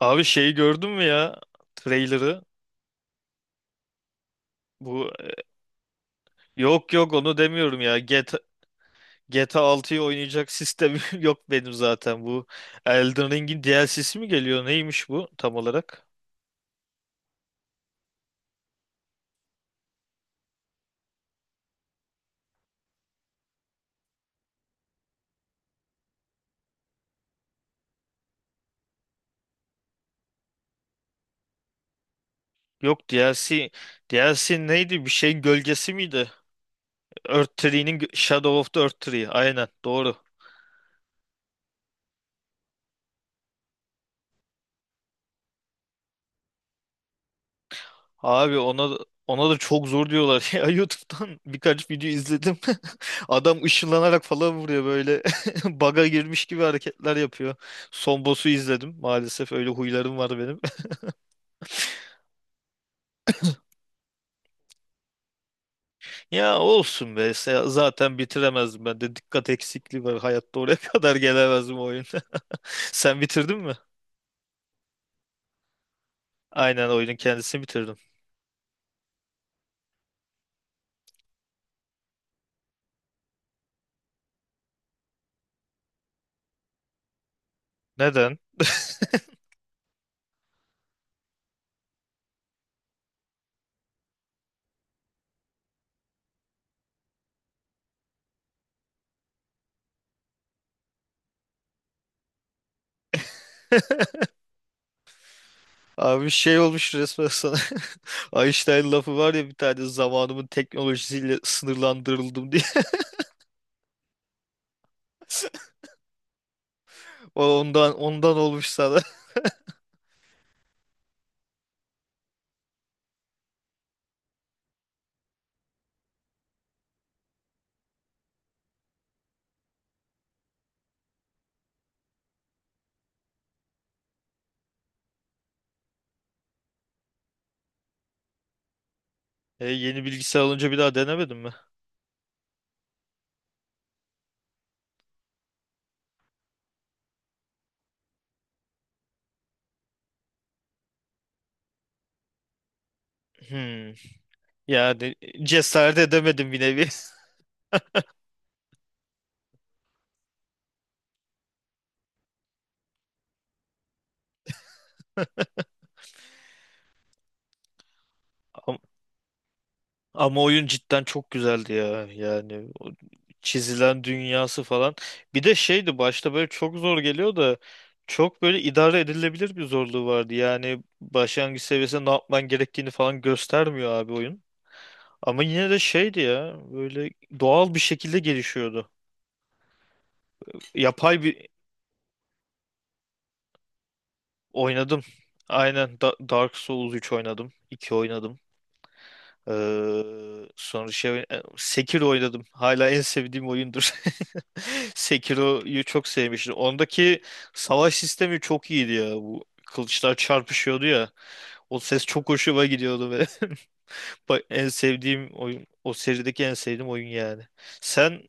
Abi, şeyi gördün mü ya? Trailer'ı. Bu yok yok, onu demiyorum ya. GTA 6'yı oynayacak sistemim yok benim zaten bu. Elden Ring'in DLC'si mi geliyor? Neymiş bu tam olarak? Yok, DLC neydi? Bir şeyin gölgesi miydi? Shadow of the Earth Tree. Aynen, doğru. Abi, ona da çok zor diyorlar. Ya, YouTube'dan birkaç video izledim. Adam ışınlanarak falan vuruyor böyle. Baga girmiş gibi hareketler yapıyor. Son boss'u izledim. Maalesef öyle huylarım var benim. Ya olsun be. Zaten bitiremezdim ben de. Dikkat eksikliği var. Hayatta oraya kadar gelemezdim o oyunda. Sen bitirdin mi? Aynen, oyunun kendisini bitirdim. Neden? Abi, şey olmuş resmen sana. Einstein lafı var ya bir tane, zamanımın teknolojisiyle sınırlandırıldım diye. O ondan olmuş sana. E, yeni bilgisayar alınca bir daha denemedin mi? Hmm. Yani, cesaret edemedim bir nevi. Ama, ama oyun cidden çok güzeldi ya. Yani o çizilen dünyası falan. Bir de şeydi, başta böyle çok zor geliyor da çok böyle idare edilebilir bir zorluğu vardı. Yani başlangıç seviyesinde ne yapman gerektiğini falan göstermiyor abi oyun. Ama yine de şeydi ya, böyle doğal bir şekilde gelişiyordu. Yapay bir Oynadım. Aynen, Dark Souls 3 oynadım. 2 oynadım. Sonra şey, Sekiro oynadım. Hala en sevdiğim oyundur. Sekiro'yu çok sevmiştim. Ondaki savaş sistemi çok iyiydi ya. Bu kılıçlar çarpışıyordu ya. O ses çok hoşuma gidiyordu ve en sevdiğim oyun, o serideki en sevdiğim oyun yani. Sen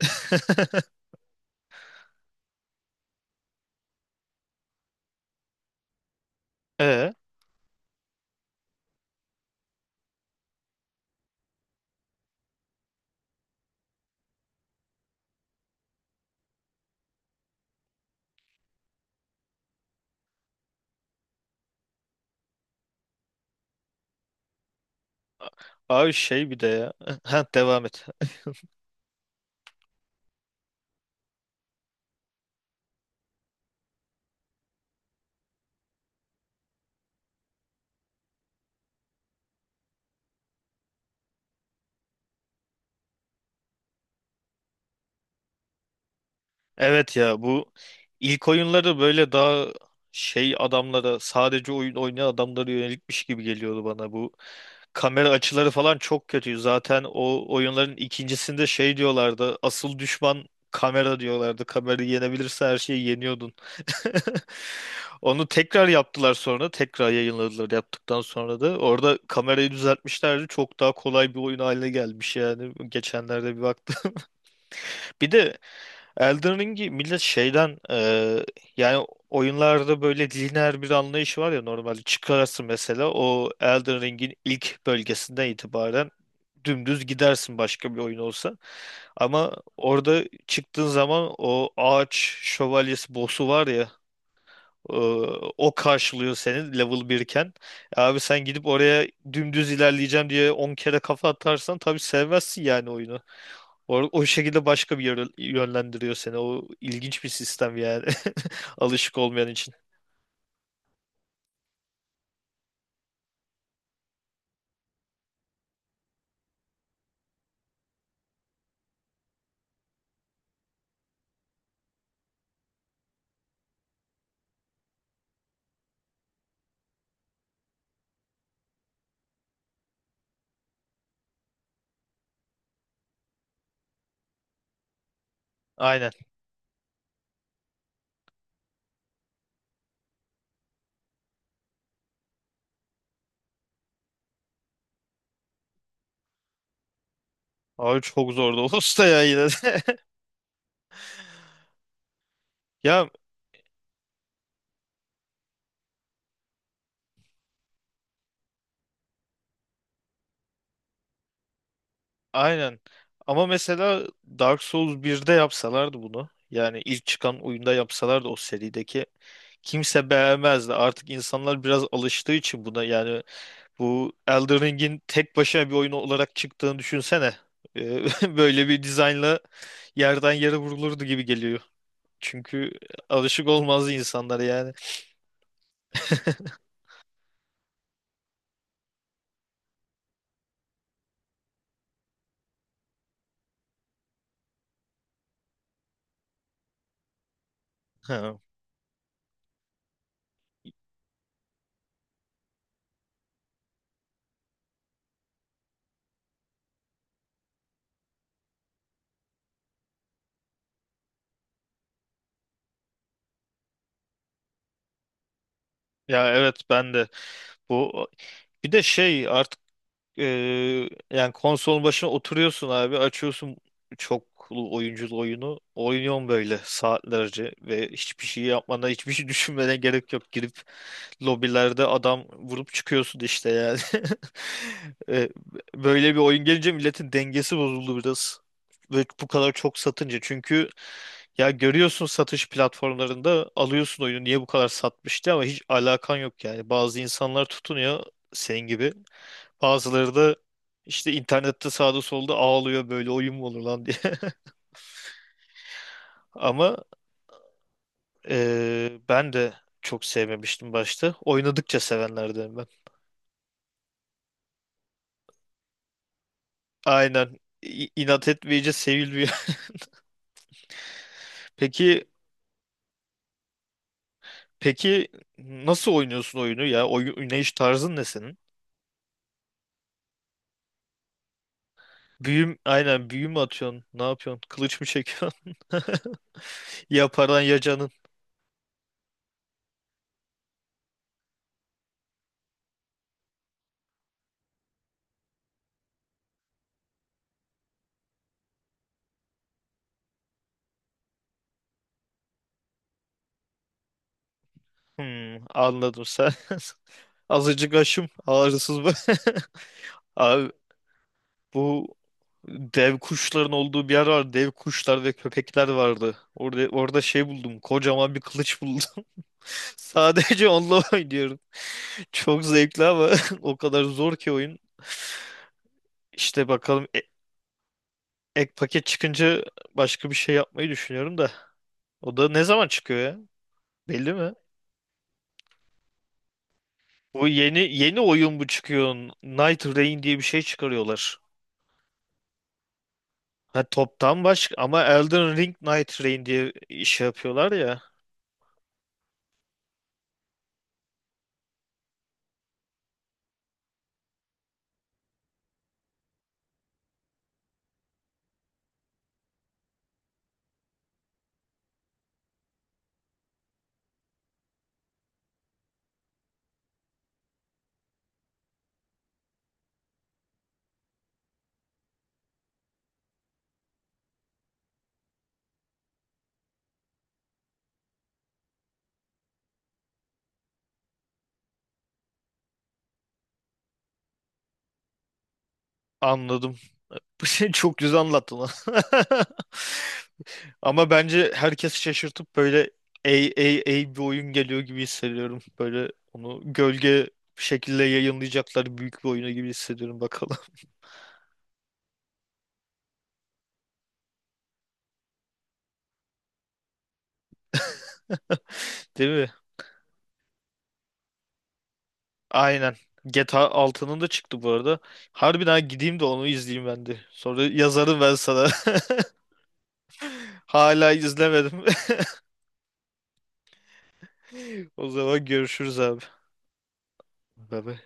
ee, abi, şey bir de ya. Ha, devam et. Evet ya, bu ilk oyunları böyle daha şey adamlara, sadece oyun oynayan adamlara yönelikmiş gibi geliyordu bana bu. Kamera açıları falan çok kötü. Zaten o oyunların ikincisinde şey diyorlardı. Asıl düşman kamera diyorlardı. Kamerayı yenebilirse her şeyi yeniyordun. Onu tekrar yaptılar sonra. Tekrar yayınladılar yaptıktan sonra da. Orada kamerayı düzeltmişlerdi. Çok daha kolay bir oyun haline gelmiş yani. Geçenlerde bir baktım. Bir de Elden Ring'i millet şeyden, yani oyunlarda böyle lineer bir anlayış var ya, normalde çıkarsın mesela o Elden Ring'in ilk bölgesinden itibaren dümdüz gidersin başka bir oyun olsa. Ama orada çıktığın zaman o ağaç şövalyesi boss'u var ya, e, o karşılıyor seni level 1 iken. Abi, sen gidip oraya dümdüz ilerleyeceğim diye 10 kere kafa atarsan tabii sevmezsin yani oyunu. O şekilde başka bir yönlendiriyor seni. O ilginç bir sistem yani. Alışık olmayan için. Aynen. Abi çok zordu o usta ya yine de. Ya, aynen. Ama mesela Dark Souls birde yapsalardı bunu. Yani ilk çıkan oyunda yapsalardı, o serideki. Kimse beğenmezdi. Artık insanlar biraz alıştığı için buna, yani bu Elden Ring'in tek başına bir oyun olarak çıktığını düşünsene. Ee, Böyle bir dizaynla yerden yere vurulurdu gibi geliyor. Çünkü alışık olmaz insanlar yani. Ha. Ya evet, ben de bu bir de şey artık. Ee, yani konsolun başına oturuyorsun abi, açıyorsun çoklu oyunculu oyunu. Oynuyorsun böyle saatlerce ve hiçbir şey yapmana, hiçbir şey düşünmene gerek yok. Girip lobilerde adam vurup çıkıyorsun işte yani. Ee, Böyle bir oyun gelince milletin dengesi bozuldu biraz. Ve bu kadar çok satınca, çünkü ya görüyorsun satış platformlarında, alıyorsun oyunu niye bu kadar satmıştı, ama hiç alakan yok yani. Bazı insanlar tutunuyor senin gibi. Bazıları da işte internette sağda solda ağlıyor, böyle oyun mu olur lan diye. Ama ben de çok sevmemiştim başta. Oynadıkça sevenlerdenim ben. Aynen. İ- inat etmeyince sevilmiyor. Peki, peki, nasıl oynuyorsun oyunu ya? Oyun oynayış tarzın ne senin? Aynen, büyü mü atıyorsun? Ne yapıyorsun? Kılıç mı çekiyorsun? Ya paran ya canın. Hmm, anladım sen. Azıcık aşım ağrısız bu. Abi, bu dev kuşların olduğu bir yer var. Dev kuşlar ve köpekler vardı. Orada şey buldum. Kocaman bir kılıç buldum. Sadece onunla oynuyorum. Çok zevkli ama o kadar zor ki oyun. İşte bakalım, ek paket çıkınca başka bir şey yapmayı düşünüyorum da. O da ne zaman çıkıyor ya? Belli mi? Bu yeni yeni oyun bu çıkıyor. Night Rain diye bir şey çıkarıyorlar. Ha, toptan başka ama Elden Ring Night Rain diye iş yapıyorlar ya. Anladım. Çok güzel anlattın lan. Ama bence herkesi şaşırtıp böyle, ey ey ey, bir oyun geliyor gibi hissediyorum. Böyle onu gölge bir şekilde yayınlayacaklar, büyük bir oyunu gibi hissediyorum bakalım. Değil mi? Aynen. GTA 6'nın da çıktı bu arada. Harbiden gideyim de onu izleyeyim ben de. Sonra yazarım ben sana. Hala izlemedim. O zaman görüşürüz abi. Bye bye.